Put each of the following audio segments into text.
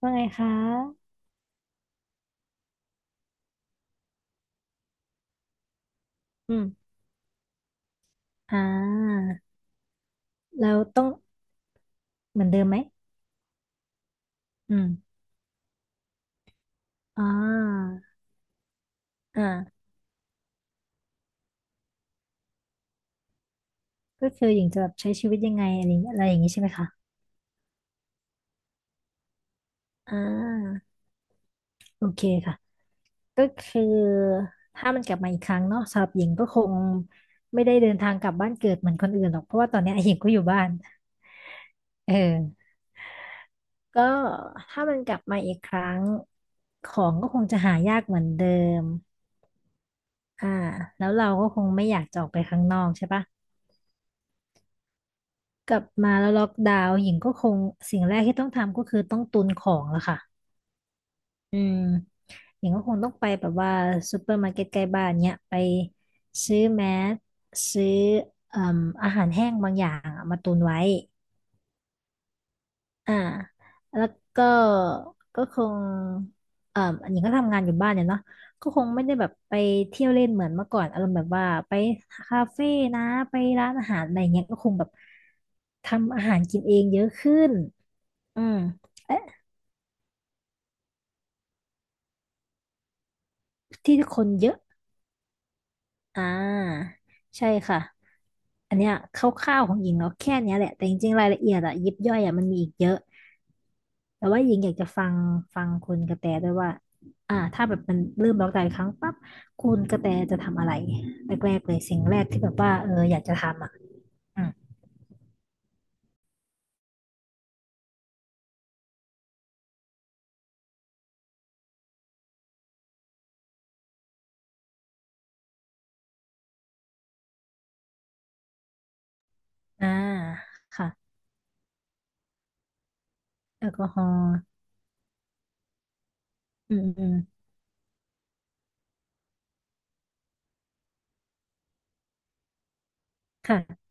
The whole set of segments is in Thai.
ว่าไงคะอืมอ่าแล้วต้องเหมือนเดิมไหมอืมอ่าอ่าก็คือหญิงจะแบบใช้ชีวิตยังไงอะไรอย่างอะไรอย่างนี้ใช่ไหมคะอ่าโอเคค่ะ ก็คือถ้ามันกลับมาอีกครั้งเนาะสำหรับหญิงก็คงไม่ได้เดินทางกลับบ้านเกิดเหมือนคนอื่นหรอกเพราะว่าตอนเนี้ยหญิงก็อยู่บ้านเออก็ถ้ามันกลับมาอีกครั้งของก็คงจะหายากเหมือนเดิมอ่าแล้วเราก็คงไม่อยากจะออกไปข้างนอกใช่ปะ กลับมาแล้วล็อกดาวน์หญิงก็คงสิ่งแรกที่ต้องทำก็คือต้องตุนของแล้วค่ะอืมหญิงก็คงต้องไปแบบว่าซูเปอร์มาร์เก็ตใกล้บ้านเนี้ยไปซื้อแมสซื้อเอ่มอาหารแห้งบางอย่างอะมาตุนไว้ อ่าแล้วก็ก็คงอันนี้ก็ทำงานอยู่บ้านเนี่ยเนาะก็คงไม่ได้แบบไปเที่ยวเล่นเหมือนเมื่อก่อนอารมณ์แบบว่าไปคาเฟ่นะไปร้านอาหารอะไรเงี้ยก็คงแบบทำอาหารกินเองเยอะขึ้นอืมเอ๊ะที่คนเยอะอ่าใช่ค่ะอันเนี้ยคร่าวๆของหญิงเราะแค่เนี้ยแหละแต่จริงๆรายละเอียดอะยิบย่อยอะมันมีอีกเยอะ แต่ว่าหญิงอยากจะฟังฟังคุณกระแตด้วยว่าถ้าแบบมันเริ่มบล็อกไดาอีกครั้งปั๊บคุณกระแตจะทำอะไรแรกๆเลยสิ่งแรกที่แบบว่าเอออยากจะทำอ่ะอืมอ่าค่ะแอลกอฮอล์อืมอืมค่ะ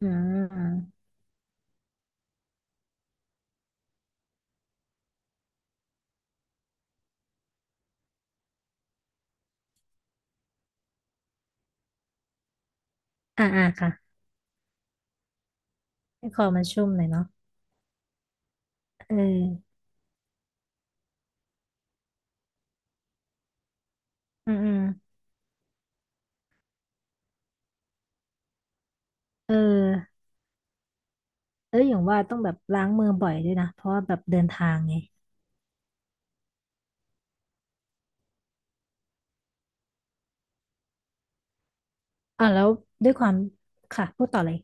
อืมอมค่ะให้คอมันชุ่มหน่อยเนาะเอออืมอืมเออเอออย่างว่าต้องแบบล้างมือบ่อยด้วยนะเพราะว่าแบบเดินทางไงแล้วด้วยความค่ะพูดต่อเลย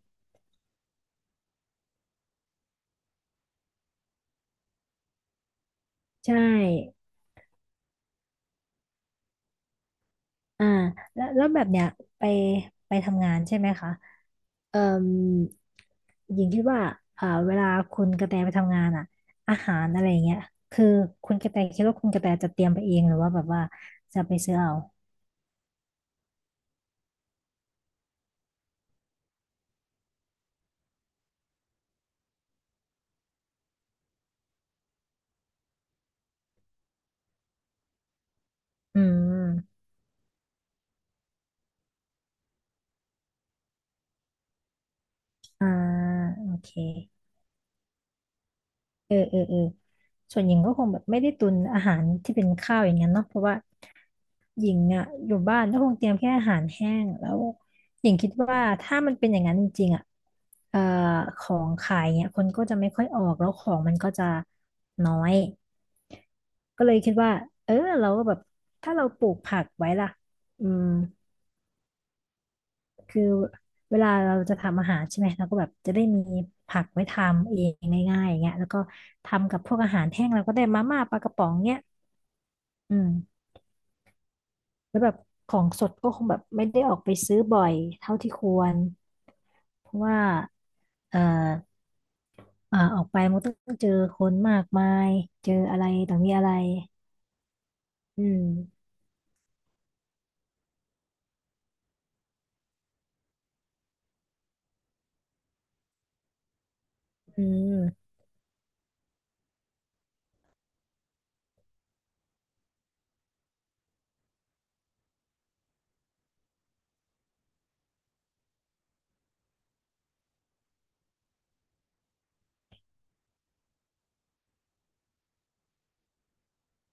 ใช่ อ่าแล้วแล้วแบบเนี้ยไปไปทำงานใช่ไหมคะเอ่มหญิงคิดว่าเวลาคุณกระแตไปทำงานอ่ะอาหารอะไรอย่างเงี้ยคือคุณกระแตคิดว่าคุณกระแตจะเตรียมไปเองหรือว่าแบบว่าจะไปซื้อเอาอืมอ่าโอเค เออเออเออส่วนหญิงก็คงแบบไม่ได้ตุนอาหารที่เป็นข้าวอย่างเงี้ยเนาะเพราะว่าหญิงอ่ะอยู่บ้านก็คงเตรียมแค่อาหารแห้งแล้วหญิงคิดว่าถ้ามันเป็นอย่างนั้นจริงๆอ่ะเอ่อของขายเนี่ยคนก็จะไม่ค่อยออกแล้วของมันก็จะน้อยก็เลยคิดว่าเออเราก็แบบถ้าเราปลูกผักไว้ล่ะอืม คือเวลาเราจะทำอาหารใช่ไหมเราก็แบบจะได้มีผักไว้ทำเองง่ายๆอย่างเงี้ยแล้วก็ทำกับพวกอาหารแห้งเราก็ได้มาม่าปลากระป๋องเงี้ยอืมแล้วแบบของสดก็คงแบบไม่ได้ออกไปซื้อบ่อยเท่าที่ควรเพราะว่าเอ่อออกไปมันก็ต้องเจอคนมากมายเจออะไรต่างมีอะไรอืมอืม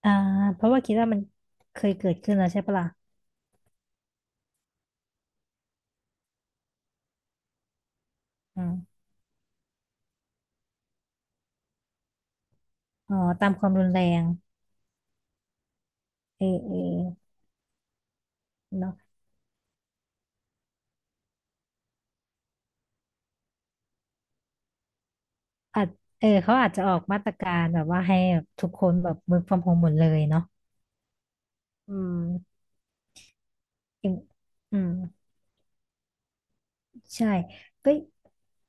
อ่าเพราะว่าคิดว่ามันเคยเกิดขึ้นแล้วใช่ปะล่ะอืมอ๋อตามความรุนแรงเออเออเนาะ อาจเออเขาอาจจะออกมาตรการแบบว่าให้แบบทุกคนแบบ work from home หมดเลยเนาะอืมอย่างอืมใช่ก็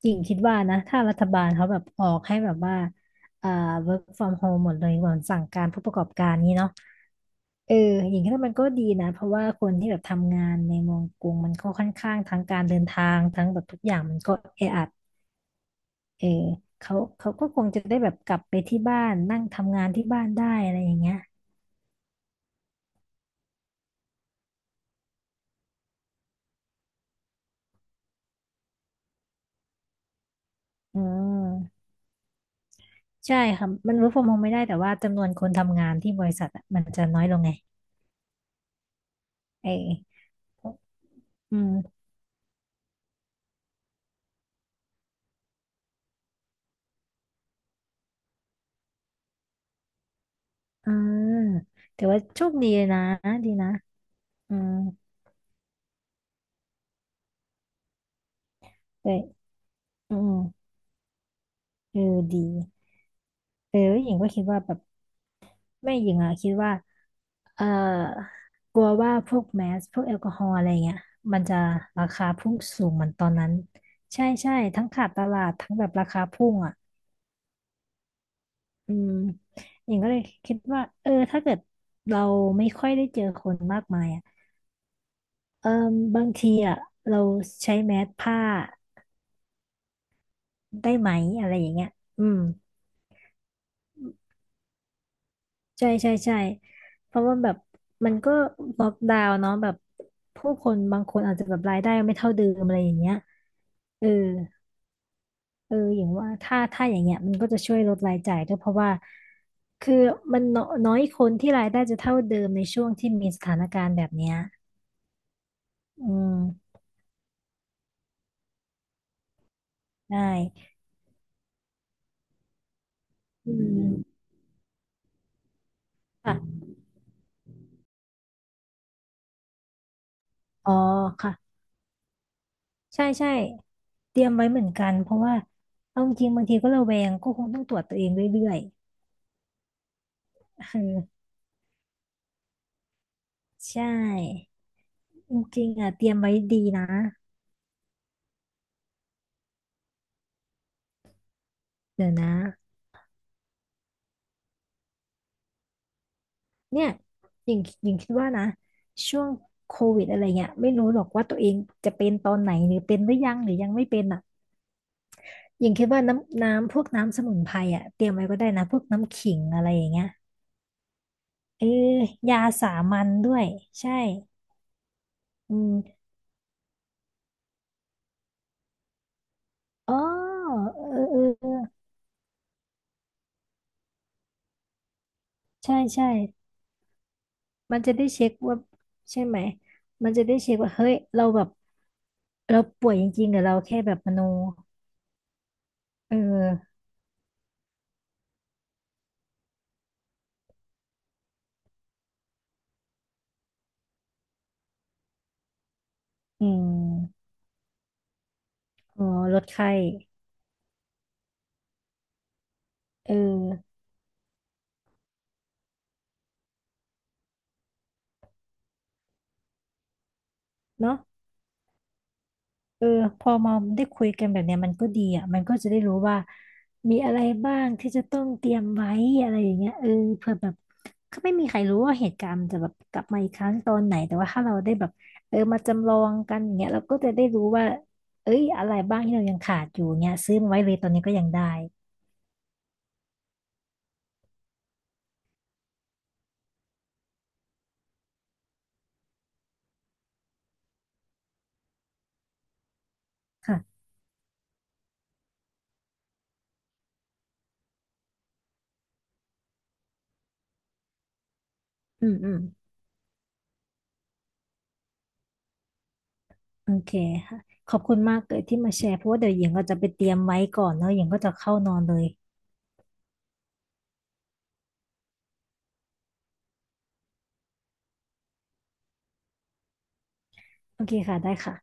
หญิงคิดว่านะถ้ารัฐบาลเขาแบบออกให้แบบว่าเอ่อ work from home หมดเลยเหมือนสั่งการผู้ประกอบการนี้เนาะเออหญิงคิดว่ามันก็ดีนะเพราะว่าคนที่แบบทำงานในเมืองกรุงมันก็ค่อนข้างทั้งการเดินทางทั้งแบบทุกอย่างมันก็แออัดเออเขาเขาก็คงจะได้แบบกลับไปที่บ้านนั่งทำงานที่บ้านได้อะไรอย่างเงี้ย อืมใช่ค่ะมัน work from home ไม่ได้แต่ว่าจำนวนคนทำงานที่บริษัทอะมันจะน้อยลงไงเอออืมอ่าแต่ว่าโชคดีเลยนะดีนะอืมแต่อืมเออดีเออหญิงก็คิดว่าแบบแม่หญิงอะคิดว่าเออกลัวว่าพวกแมสพวกแอลกอฮอล์อะไรเงี้ยมันจะราคาพุ่งสูงเหมือนตอนนั้นใช่ใช่ทั้งขาดตลาดทั้งแบบราคาพุ่งอะ อืมหญิงก็เลยคิดว่าเออถ้าเกิดเราไม่ค่อยได้เจอคนมากมายอ่ะเอมบางทีอ่ะเราใช้แมสผ้าได้ไหมอะไรอย่างเงี้ยอืมใช่ใช่ใช่เพราะว่าแบบมันก็ล็อกดาวน์เนาะแบบผู้คนบางคนอาจจะแบบรายได้ไม่เท่าเดิมอะไรอย่างเงี้ยเออเอออย่างว่าถ้าถ้าอย่างเงี้ยมันก็จะช่วยลดรายจ่ายด้วยเพราะว่าคือมันน้อยน้อยคนที่รายได้จะเท่าเดิมในช่วงที่มีสถานการณ์แบบเนี้ยอืม ได้อืมค่ะอ๋อค่ะใช่ใช่เตรียมไว้เหมือนกันเพราะว่าเอาจริงๆบางทีก็ระแวงก็คงต้องตรวจตัวเองเรื่อยๆเออใช่ จริงๆอ่ะเตรียมไว้ดีนะเดี๋ยวนะเนี่ยหญิงหญิงคิดว่านะ ช่วงโควิดอะไรเงี้ยไม่รู้หรอกว่าตัวเองจะเป็นตอนไหนหรือเป็นหรือยังหรือยังไม่เป็นอ่ะหญิงคิดว่าน้ำน้ำพวกน้ำสมุนไพรอ่ะเตรียมไว้ก็ได้นะพวกน้ำขิงอะไรอย่างเงี้ยเออยาสามัญด้วยใช่อืม อ๋อเออเออเออใช่ใช่มันจะได้เช็คว่าใช่ไหมมันจะได้เช็คว่าเฮ้ยเราแบบเราป่วยจริงๆหรือเราแค่แบบมโนเอออืมอ๋อลดไข้เออเนาะเออพอมาได้คุยกันแบบเนี้ยมันก็ดีอ่ะมันก็จะได้รู้ว่ามีอะไรบ้างที่จะต้องเตรียมไว้อะไรอย่างเงี้ยเออเผื่อแบบ ก็ไม่มีใครรู้ว่าเหตุการณ์มันจะแบบกลับมาอีกครั้งตอนไหนแต่ว่าถ้าเราได้แบบเออมาจำลองกันอย่างเงี้ยเราก็จะได้รู้ว่าเอ้ยอะไรบ้างที่เรายังขาดอยู่เงี้ยซื้อมาไว้เลยตอนนี้ก็ยังได้ค่ะอืมอืมโอเคค่ะขอบคุณมากเลยที่มาแชร์เพราะว่าเดี๋ยวหญิงก็จะไปเตรียมไว้ก่อนเนอะหญิงก็จะเข้านอนเลยโอเคค่ะได้ค่ะ